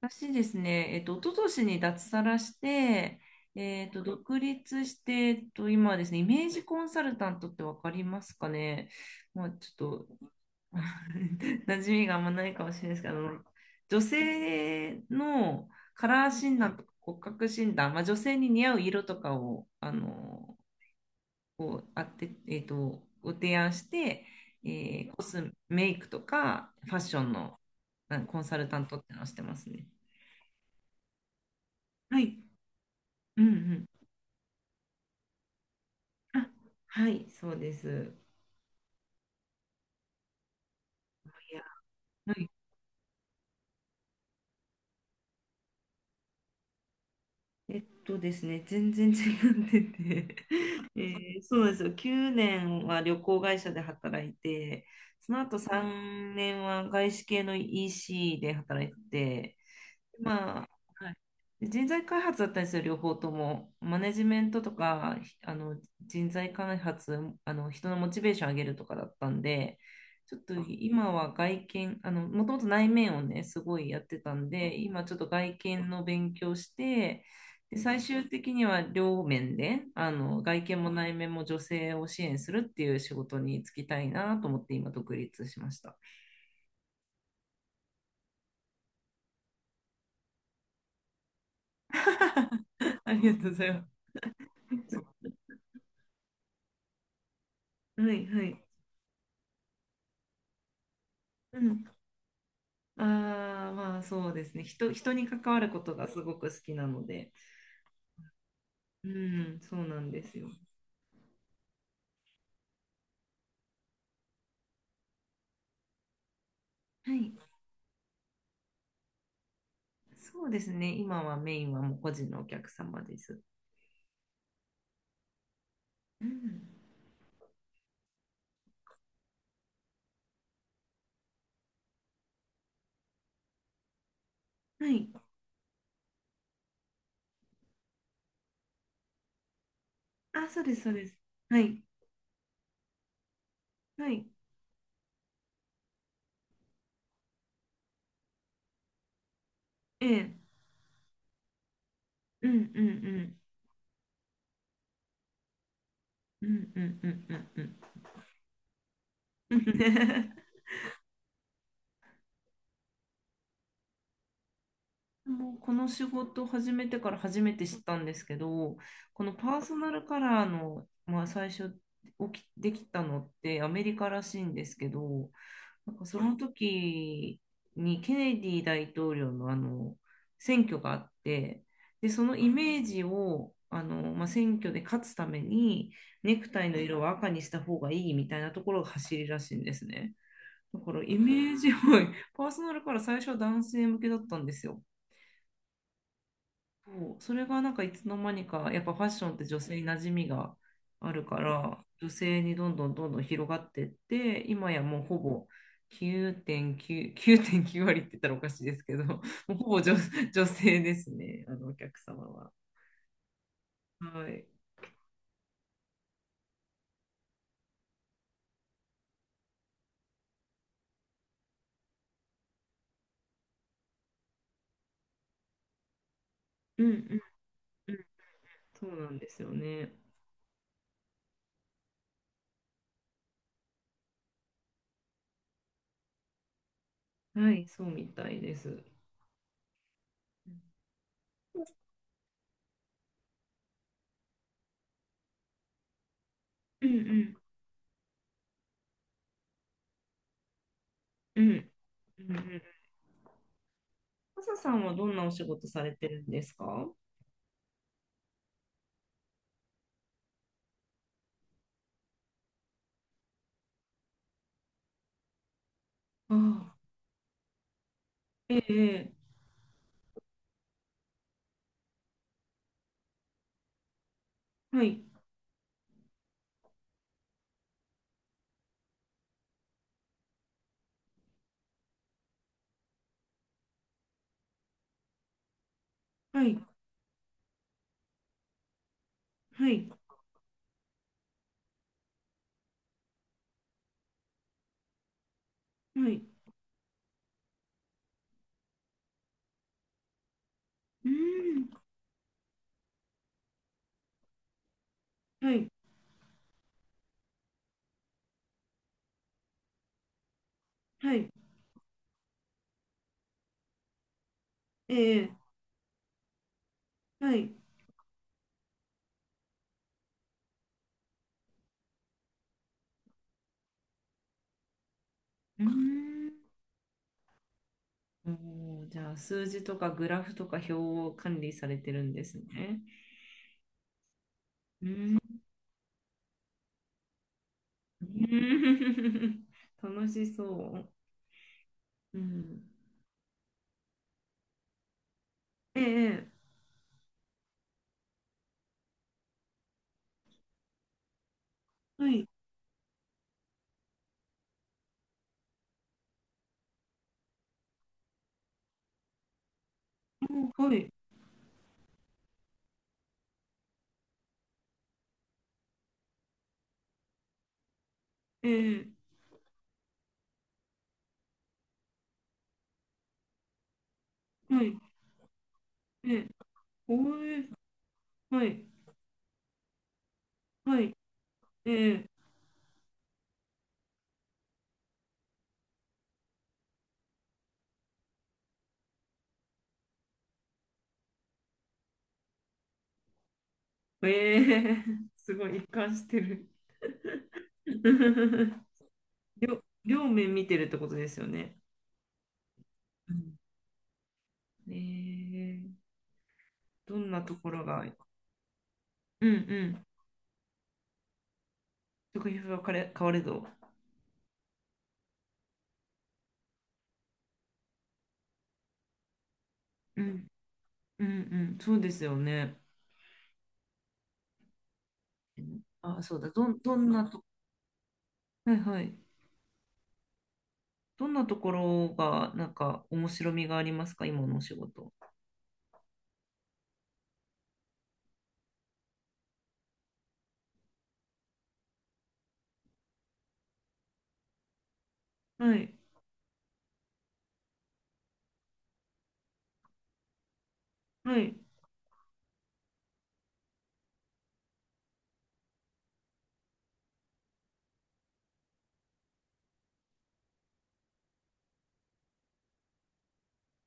私ですね、一昨年に脱サラして、独立して、今はですね、イメージコンサルタントってわかりますかね。まあ、ちょっと、馴染みがあんまないかもしれないですけど、女性のカラー診断とか骨格診断、まあ、女性に似合う色とかを、こう、あって、ご提案して、コスメイクとかファッションのコンサルタントってのをしてますね。はい。うんうん。あ、はい、そうです。いや、はい。えっとですね、全然違ってて そうなんですよ。9年は旅行会社で働いて、その後3年は外資系の EC で働いて、まあ、はい、で人材開発だったんですよ、両方とも。マネジメントとか、ひあの人材開発、人のモチベーション上げるとかだったんで、ちょっと今は外見、もともと内面をね、すごいやってたんで、今ちょっと外見の勉強して、で、最終的には両面で、外見も内面も女性を支援するっていう仕事に就きたいなと思って今独立しました。ありがとうございます。はい、はい。うん、ああ、まあそうですね。人に関わることがすごく好きなので。うん、そうなんですよ。はい。そうですね。今はメインはもう個人のお客様です。うん。はい。あ、そうです、そうです。はい。はい。ええ。うん、うん、うん。うん、うん、うん、うん、うん。もうこの仕事を始めてから初めて知ったんですけど、このパーソナルカラーの、まあ、最初起き、できたのってアメリカらしいんですけど、なんかその時にケネディ大統領の選挙があって、で、そのイメージを選挙で勝つためにネクタイの色は赤にした方がいいみたいなところが走りらしいんですね。だからイメージを パーソナルから最初は男性向けだったんですよ。そう、それがなんかいつの間にかやっぱファッションって女性に馴染みがあるから女性にどんどんどんどん広がってって、今やもうほぼ9.9割って言ったらおかしいですけども、うほぼ女性ですね、あのお客様は。はい。うんうんうん。そうなんですよね。はい、そうみたいです。うんうんうんうんうんうん。マサさんはどんなお仕事されてるんですか？ああ、ええ、ええ、はい、はい、はい、はい。うーん、はい、はい、ええ、はい。うーん、おー、じゃあ数字とかグラフとか表を管理されてるんですね。うーん、楽しそう。うん、ええ、はい、おはい、ええ、はい、ええ、おえ、はい、はい、ええ、ええ、すごい一貫してる。両面見てるってことですよね。うん、ええ、どんなところが、うんうん、食費は変われど、うん、うんうん、そうですよね。あ、そうだ、どん、どんなと、はいはい。どんなところが、なんか、面白みがありますか、今のお仕事？はい、はい、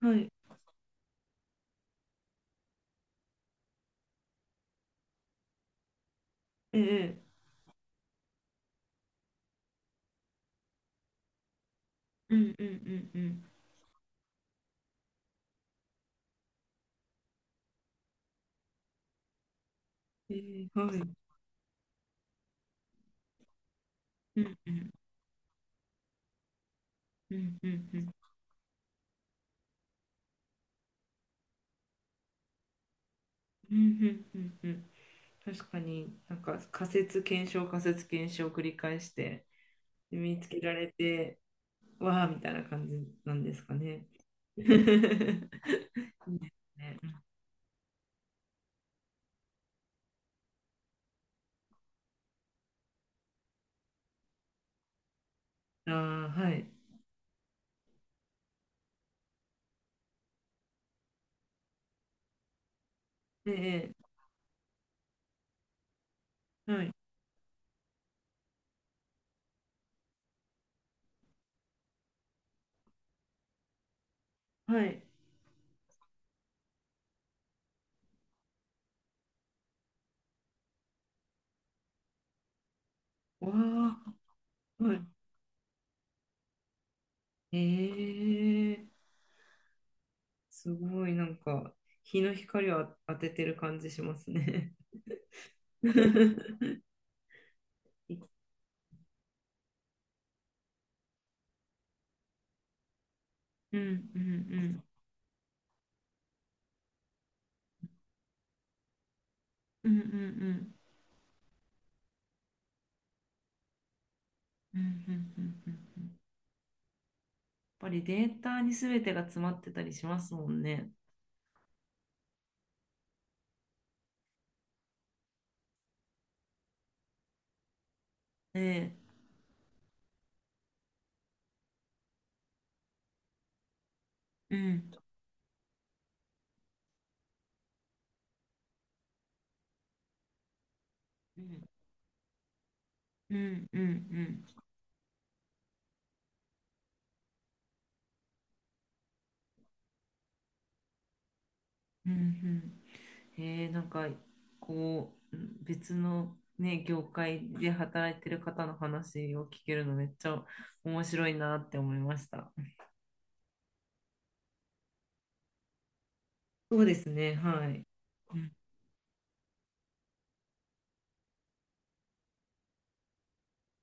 はい、ええ、うんうんうんうん、ええ、はい、うんうんうんうんうん、うんうんうんうん。確かに、なんか仮説検証仮説検証を繰り返して、で見つけられて、わあみたいな感じなんですかね。いいです。ああ、はい。ええ、はい、はい。わあ、はい。ええ、すごい、なんか、日の光を当ててる感じしますね。うんうんうんうんうんうんうんうんうんうんうん、やっぱりデータに全てが詰まってたりしますもんね。ええ、うんうんうんうんうんうんうん、へえ、なんか、こう、うん、別のね、業界で働いてる方の話を聞けるのめっちゃ面白いなって思いました。そうですね、はい。